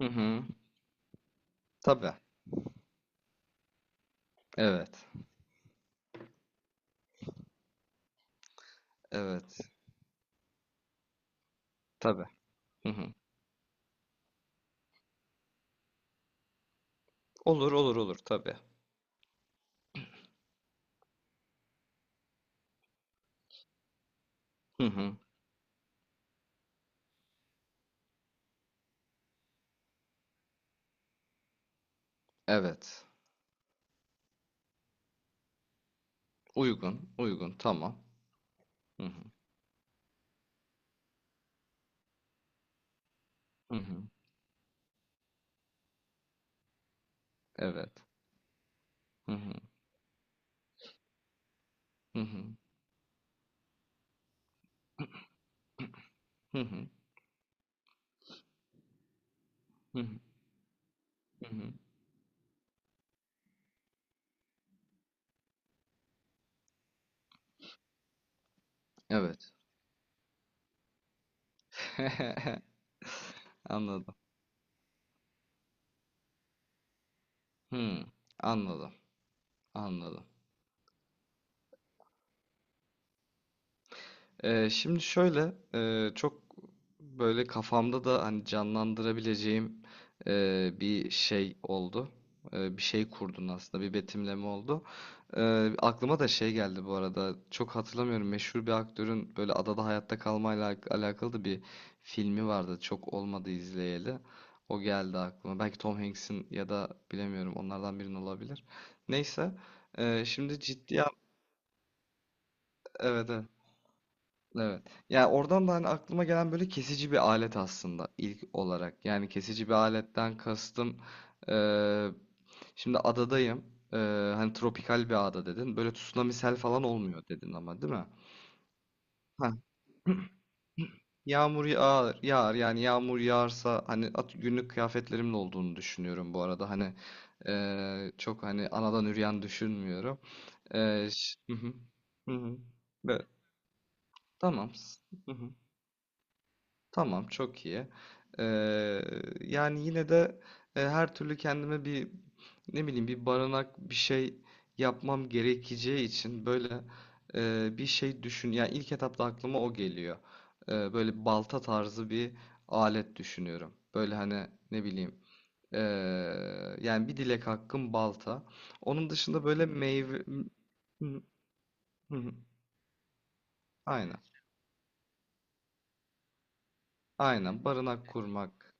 Hı hı. Tabii. Evet. Evet. Tabii. Hı hı. Olur olur olur tabii. Hı hı. Evet. Uygun. Uygun. Tamam. Hı hı. Hı hı. Evet. Hı hı. Hı hı. Hı hı. Hı hı. Hı hı. Evet. Anladım. Hı. Anladım. Anladım. Şimdi şöyle çok böyle kafamda da hani canlandırabileceğim bir şey oldu. Bir şey kurdun aslında, bir betimleme oldu. E, aklıma da şey geldi bu arada, çok hatırlamıyorum, meşhur bir aktörün böyle adada hayatta kalmayla alakalı da bir filmi vardı. Çok olmadı izleyeli. O geldi aklıma. Belki Tom Hanks'in ya da bilemiyorum, onlardan birinin olabilir. Neyse, şimdi ciddi. Evet, evet. Evet. Yani oradan da hani aklıma gelen böyle kesici bir alet aslında ilk olarak. Yani kesici bir aletten kastım, eee, şimdi adadayım. Eee, hani tropikal bir ada dedin. Böyle tsunami, sel falan olmuyor dedin ama, değil mi? Ha, yağmur yağar, yağar. Yani yağmur yağarsa hani günlük kıyafetlerimin olduğunu düşünüyorum bu arada. Hani çok hani anadan üreyen düşünmüyorum. Hı hı. Hı hı. Ve- Tamam. Hı hı. Tamam, çok iyi. Eee, yani yine de, her türlü kendime bir, ne bileyim, bir barınak bir şey yapmam gerekeceği için böyle, bir şey düşün. Yani ilk etapta aklıma o geliyor. Böyle balta tarzı bir alet düşünüyorum. Böyle hani, ne bileyim, eee, yani bir dilek hakkım balta. Onun dışında böyle meyve. Hı, hı, hı. Aynen aynen, barınak kurmak.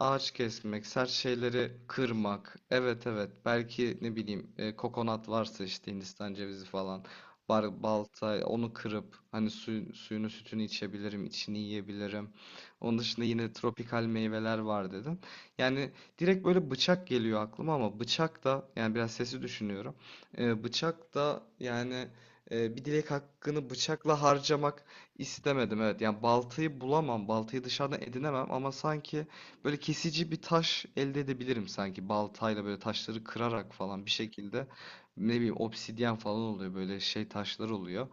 Ağaç kesmek, sert şeyleri kırmak. Evet, evet. Belki, ne bileyim, kokonat varsa, işte Hindistan cevizi falan. Balta onu kırıp hani suyunu, sütünü içebilirim, içini yiyebilirim. Onun dışında yine tropikal meyveler var dedin. Yani direkt böyle bıçak geliyor aklıma ama bıçak da, yani biraz sesi düşünüyorum. Bıçak da yani, bir dilek hakkını bıçakla harcamak istemedim. Evet, yani baltayı bulamam, baltayı dışarıdan edinemem ama sanki böyle kesici bir taş elde edebilirim sanki. Baltayla böyle taşları kırarak falan, bir şekilde, ne bileyim, obsidyen falan oluyor, böyle şey taşlar oluyor.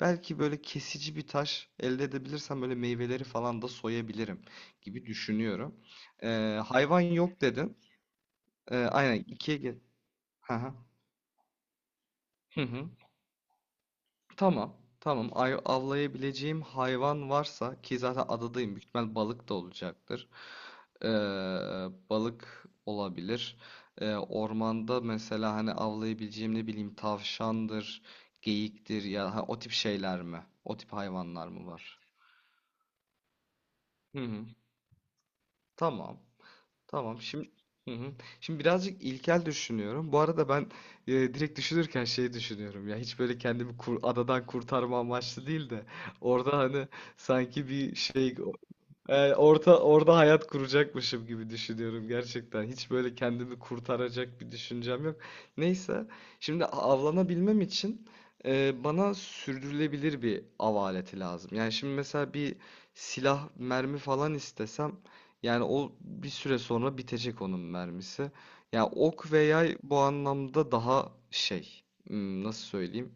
Belki böyle kesici bir taş elde edebilirsem böyle meyveleri falan da soyabilirim gibi düşünüyorum. Hayvan yok dedin. Aynen ikiye gel. Hı hı. Hı hı. Tamam. Tamam. Avlayabileceğim hayvan varsa, ki zaten adadayım, büyük ihtimal balık da olacaktır. Ee, balık olabilir. Ormanda mesela hani avlayabileceğim, ne bileyim, tavşandır, geyiktir ya ha, o tip şeyler mi? O tip hayvanlar mı var? Hı hı. Tamam. Tamam. Şimdi. Hı hı. Şimdi birazcık ilkel düşünüyorum. Bu arada ben, direkt düşünürken şey düşünüyorum ya, hiç böyle kendimi adadan kurtarma amaçlı değil de orada hani sanki bir şey. Yani orada hayat kuracakmışım gibi düşünüyorum gerçekten. Hiç böyle kendimi kurtaracak bir düşüncem yok. Neyse, şimdi avlanabilmem için, bana sürdürülebilir bir av aleti lazım. Yani şimdi mesela bir silah, mermi falan istesem, yani o bir süre sonra bitecek onun mermisi. Yani ok ve yay bu anlamda daha şey, nasıl söyleyeyim?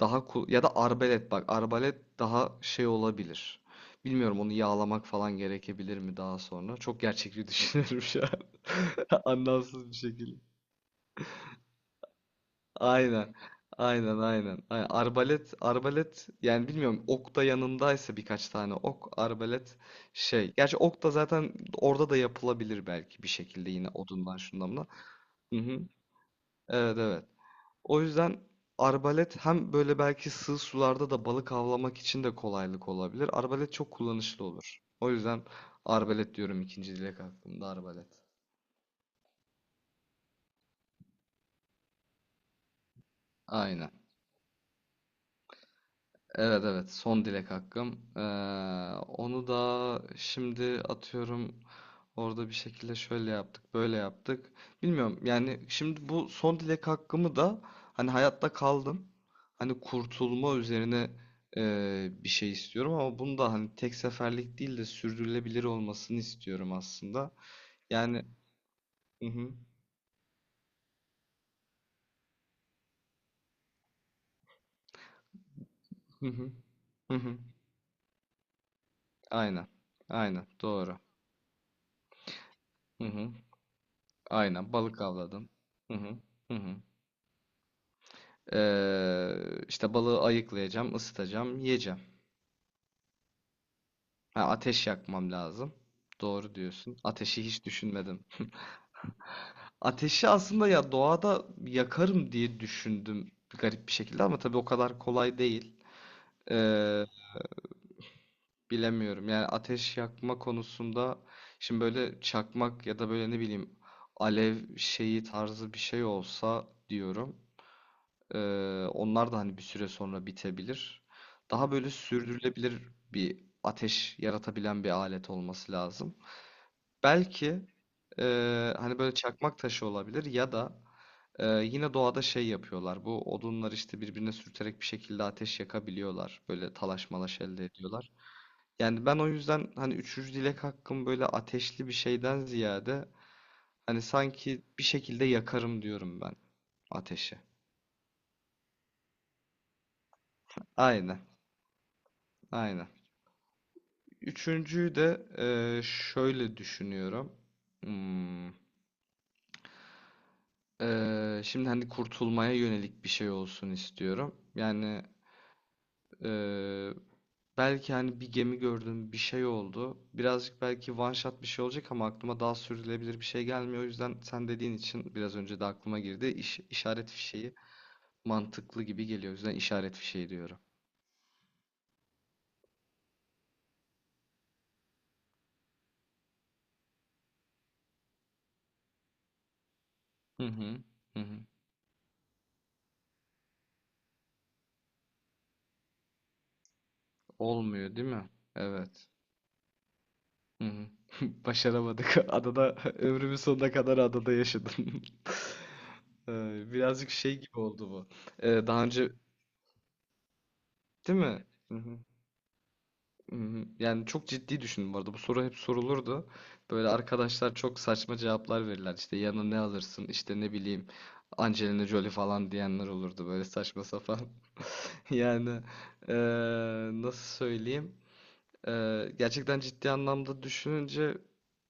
Daha ya da arbalet, bak arbalet daha şey olabilir. Bilmiyorum, onu yağlamak falan gerekebilir mi daha sonra. Çok gerçekçi düşünüyorum şu an. Anlamsız bir şekilde. Aynen. Aynen aynen. Aynen. Arbalet arbalet, yani bilmiyorum, ok da yanındaysa birkaç tane ok, arbalet şey. Gerçi ok da zaten orada da yapılabilir belki, bir şekilde yine, odundan şundan bundan. Hı hı. Evet evet. O yüzden arbalet, hem böyle belki sığ sularda da balık avlamak için de kolaylık olabilir. Arbalet çok kullanışlı olur. O yüzden arbalet diyorum, ikinci dilek aklımda arbalet. Aynen. Evet, evet, son dilek hakkım. Onu da şimdi atıyorum, orada bir şekilde şöyle yaptık böyle yaptık. Bilmiyorum, yani şimdi bu son dilek hakkımı da hani hayatta kaldım. Hani kurtulma üzerine, bir şey istiyorum ama bunu da hani tek seferlik değil de sürdürülebilir olmasını istiyorum aslında. Yani. Hı hı. Hı hı. Hı hı. Aynen, aynen doğru. Hı hı. Aynen, balık avladım. Hı hı. Hı hı. Ee, işte balığı ayıklayacağım, ısıtacağım, yiyeceğim. Ha, ateş yakmam lazım. Doğru diyorsun. Ateşi hiç düşünmedim. Ateşi aslında ya doğada yakarım diye düşündüm, garip bir şekilde, ama tabii o kadar kolay değil. Ee, bilemiyorum. Yani ateş yakma konusunda şimdi böyle çakmak ya da böyle, ne bileyim, alev şeyi tarzı bir şey olsa diyorum. Ee, onlar da hani bir süre sonra bitebilir. Daha böyle sürdürülebilir bir ateş yaratabilen bir alet olması lazım. Belki, e, hani böyle çakmak taşı olabilir ya da, yine doğada şey yapıyorlar. Bu odunlar işte birbirine sürterek bir şekilde ateş yakabiliyorlar. Böyle talaş malaş elde ediyorlar. Yani ben o yüzden hani üçüncü dilek hakkım böyle ateşli bir şeyden ziyade hani sanki bir şekilde yakarım diyorum ben ateşi. Aynen, aynen. Üçüncüyü de şöyle düşünüyorum. Hmm, şimdi hani kurtulmaya yönelik bir şey olsun istiyorum. Yani eee, belki hani bir gemi gördüm, bir şey oldu. Birazcık belki one shot bir şey olacak ama aklıma daha sürdürülebilir bir şey gelmiyor. O yüzden sen dediğin için biraz önce de aklıma girdi. İşaret fişeği mantıklı gibi geliyor. O yüzden işaret fişeği diyorum. Hı hı. Hı hı. Olmuyor değil mi? Evet. Hı hı. Başaramadık. Adada ömrümün sonuna kadar adada yaşadım. Birazcık şey gibi oldu bu. Daha önce, değil mi? Hı hı. Hı hı. Yani çok ciddi düşündüm bu arada. Bu soru hep sorulurdu. Böyle arkadaşlar çok saçma cevaplar verirler. İşte yanına ne alırsın? İşte, ne bileyim, Angelina Jolie falan diyenler olurdu. Böyle saçma sapan. Yani, ee, nasıl söyleyeyim? Gerçekten ciddi anlamda düşününce,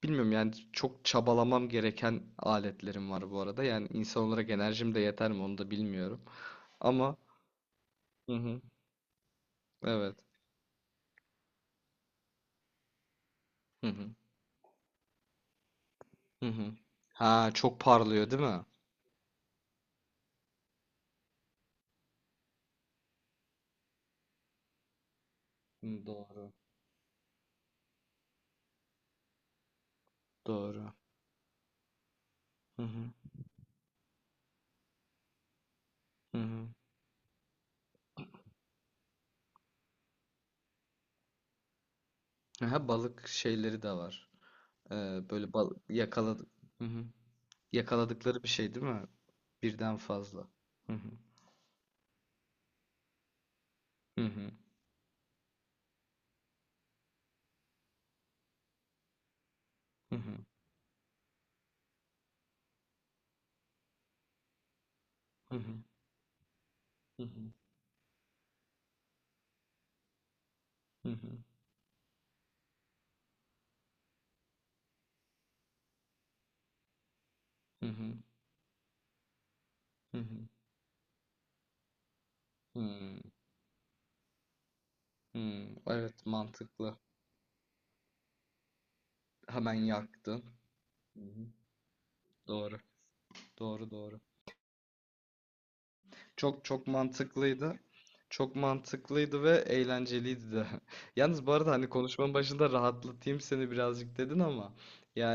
bilmiyorum yani, çok çabalamam gereken aletlerim var bu arada. Yani insan olarak enerjim de yeter mi, onu da bilmiyorum. Ama hı hı, evet. Hı hı, hı hı. Ha çok parlıyor değil mi? Hı, doğru. Doğru. Hı hı, hı hı. Aha, balık şeyleri de var. Böyle bal yakaladık, hı hı. Yakaladıkları bir şey, değil mi? Birden fazla. Hı hı, hı hı, hı hı, hı hı, hı hı, hı hı, hı hı, hı hı. Hmm, hmm. Evet, mantıklı. Hemen yaktın. Hı hı. Doğru. Doğru doğru. Çok çok mantıklıydı. Çok mantıklıydı ve eğlenceliydi de. Yalnız bu arada hani konuşmanın başında rahatlatayım seni birazcık dedin ama yani